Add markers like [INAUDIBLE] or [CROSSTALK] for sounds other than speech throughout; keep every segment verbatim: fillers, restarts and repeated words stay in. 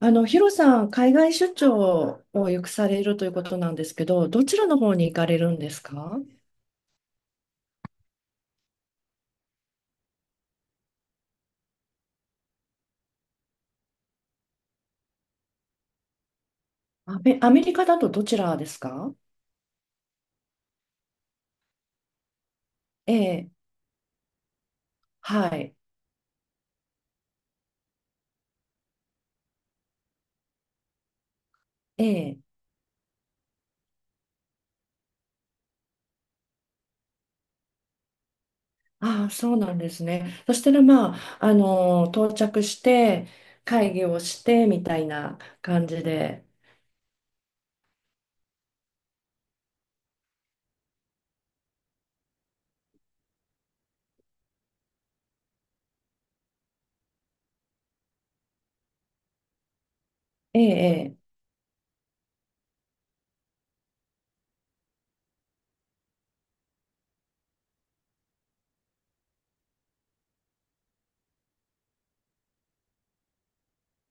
あの、ヒロさん、海外出張をよくされるということなんですけど、どちらの方に行かれるんですか？アメ、アメリカだとどちらですか？ええ、はい。ええ、ああ、そうなんですね。そしたら、まあ、あの、到着して、会議をして、みたいな感じで。ええ、ええ、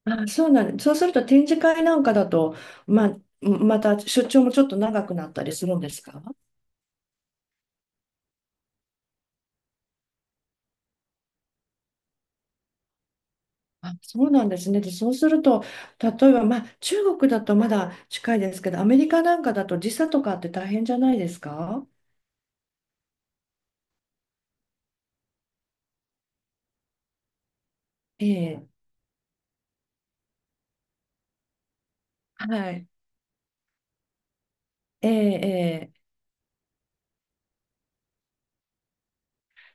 ああ、そうなんそうすると展示会なんかだと、まあ、また出張もちょっと長くなったりするんですか？あ、そうなんですね。で、そうすると、例えば、まあ、中国だとまだ近いですけど、アメリカなんかだと時差とかって大変じゃないですか？ええ、はい。ええ、ええ、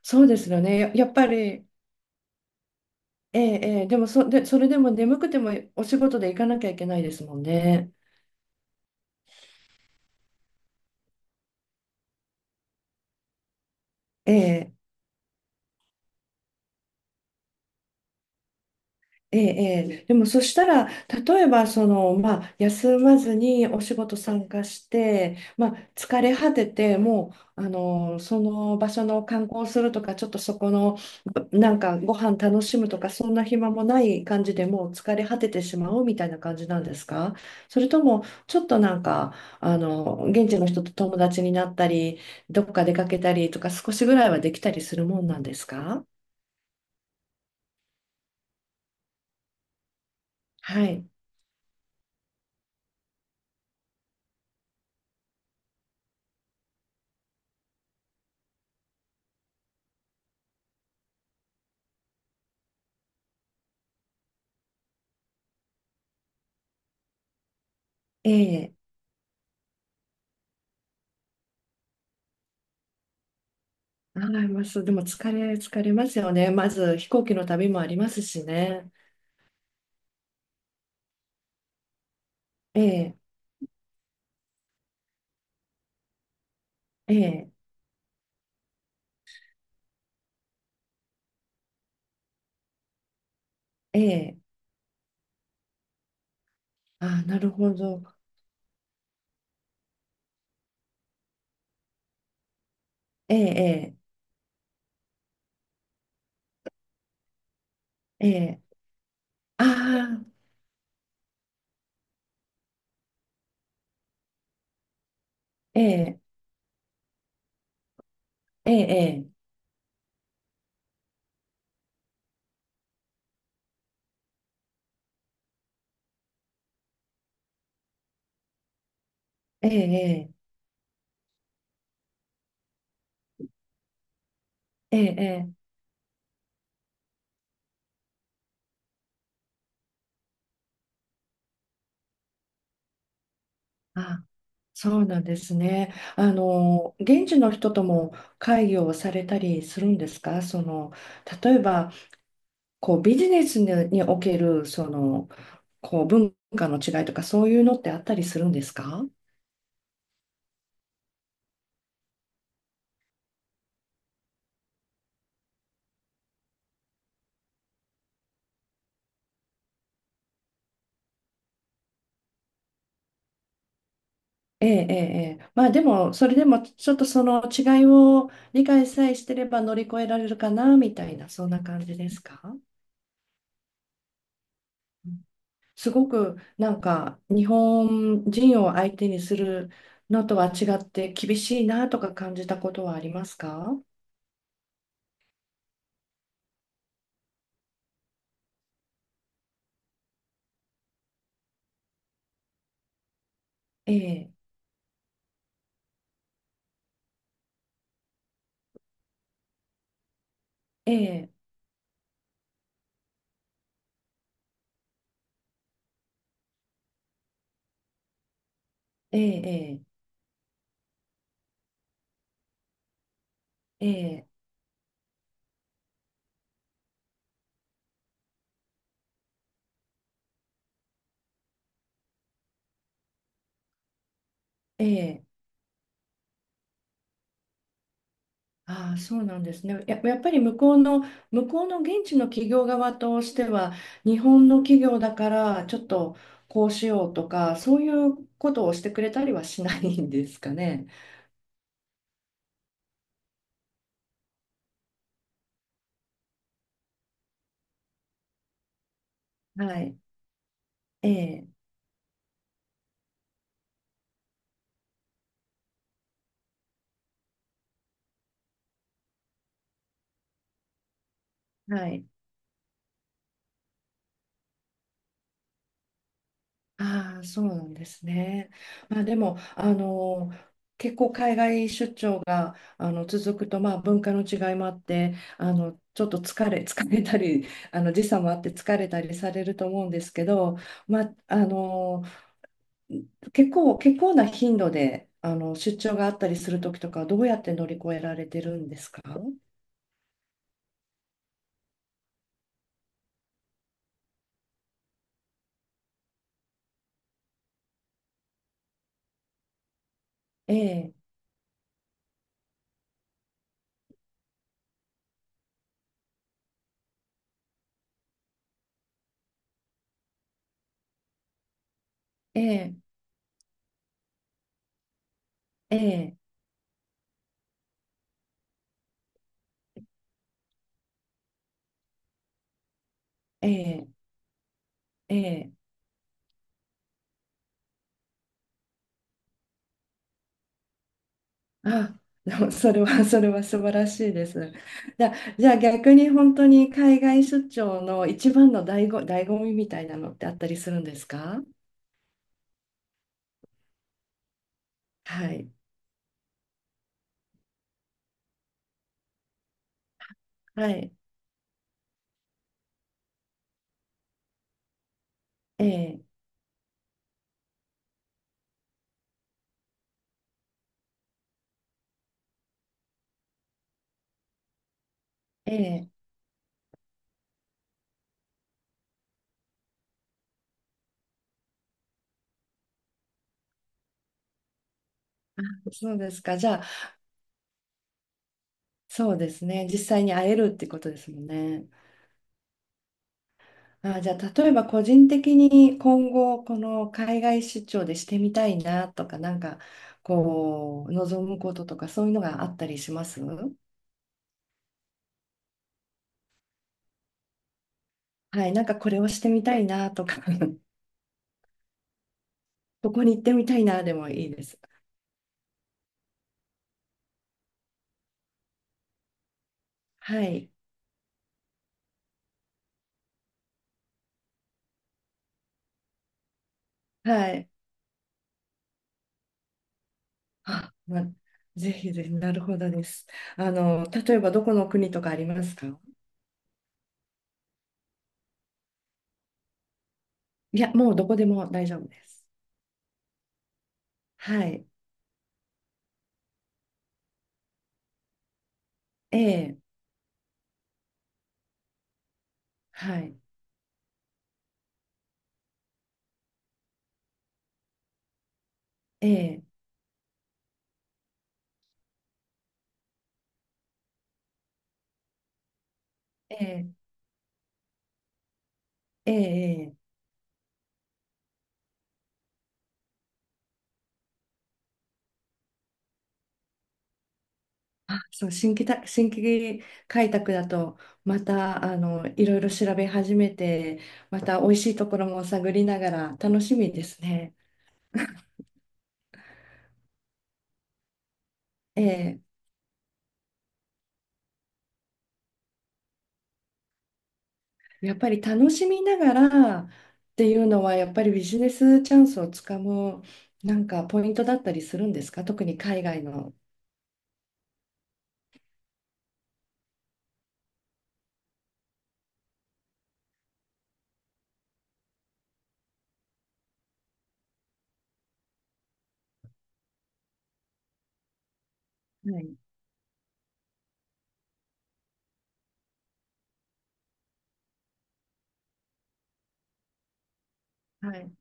そうですよね。ややっぱり、ええ、ええ、でもそ、で、それでも眠くてもお仕事で行かなきゃいけないですもんね。ええええ、ええ、でもそしたら、例えばその、まあ、休まずにお仕事参加して、まあ、疲れ果てて、もうあのその場所の観光するとか、ちょっとそこのなんかご飯楽しむとか、そんな暇もない感じでもう疲れ果ててしまうみたいな感じなんですか？それとも、ちょっとなんかあの現地の人と友達になったり、どっか出かけたりとか、少しぐらいはできたりするもんなんですか？はい。ええ、はい、ます。でも疲れ、疲れますよね。まず飛行機の旅もありますしね。ええ、ええ、ええ。あ、なるほど。ええ、ええ、ええ。ああ、ええ、ええ、ええ、ええ、ええ。ええ、あ、そうなんですね。あの、現地の人とも会議をされたりするんですかその、例えば、こう、ビジネスににおける、その、こう、文化の違いとか、そういうのってあったりするんですか？ええ、ええ、ええ、まあでも、それでもちょっとその違いを理解さえしてれば乗り越えられるかなみたいな、そんな感じですか？うん、すごくなんか日本人を相手にするのとは違って厳しいなとか感じたことはありますか？ええ、ええ、ええ、ええ、ええ、ええ、ああ、そうなんですね。や、やっぱり向こうの、向こうの現地の企業側としては、日本の企業だからちょっとこうしようとか、そういうことをしてくれたりはしないんですかね。はい。ええ、はい。ああ、そうなんですね。まあでも、あの、結構海外出張があの続くと、まあ、文化の違いもあってあのちょっと疲れ、[LAUGHS] 疲れたりあの時差もあって疲れたりされると思うんですけど、まあ、あの結構、結構な頻度で、あの、出張があったりするときとか、どうやって乗り越えられてるんですか？ええ、ええ、ええ、ええ、ええ。あ、でもそれは、それは素晴らしいです。じゃあ、じゃあ逆に本当に海外出張の一番の醍醐、醍醐味みたいなのってあったりするんですか？はい、はい、ええ、ええ。そうですか。じゃあ、そうですね。実際に会えるってことですもんね。あ、じゃあ、例えば個人的に今後、この海外出張でしてみたいなとか、なんか、こう、望むこととか、そういうのがあったりしますはい、なんかこれをしてみたいなとか、[LAUGHS] ここに行ってみたいなでもいいです。はい、はい。あ、ま、ぜひぜひ、なるほどです。あの、例えばどこの国とかありますか？いや、もうどこでも大丈夫です。はい、ええ、はい、ええ、ええ、ええ、ええ、あ、そう、新規た、新規開拓だと、また、あの、いろいろ調べ始めて、また美味しいところも探りながら楽しみですね。ええ、やっぱり楽しみながらっていうのは、やっぱりビジネスチャンスをつかむ、なんかポイントだったりするんですか？特に海外の。はい。はい、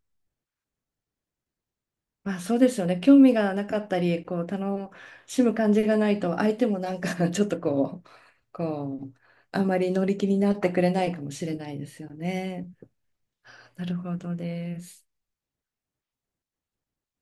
まあそうですよね。興味がなかったり、こう楽しむ感じがないと、相手もなんか [LAUGHS] ちょっとこう、こう、あまり乗り気になってくれないかもしれないですよね。なるほどです。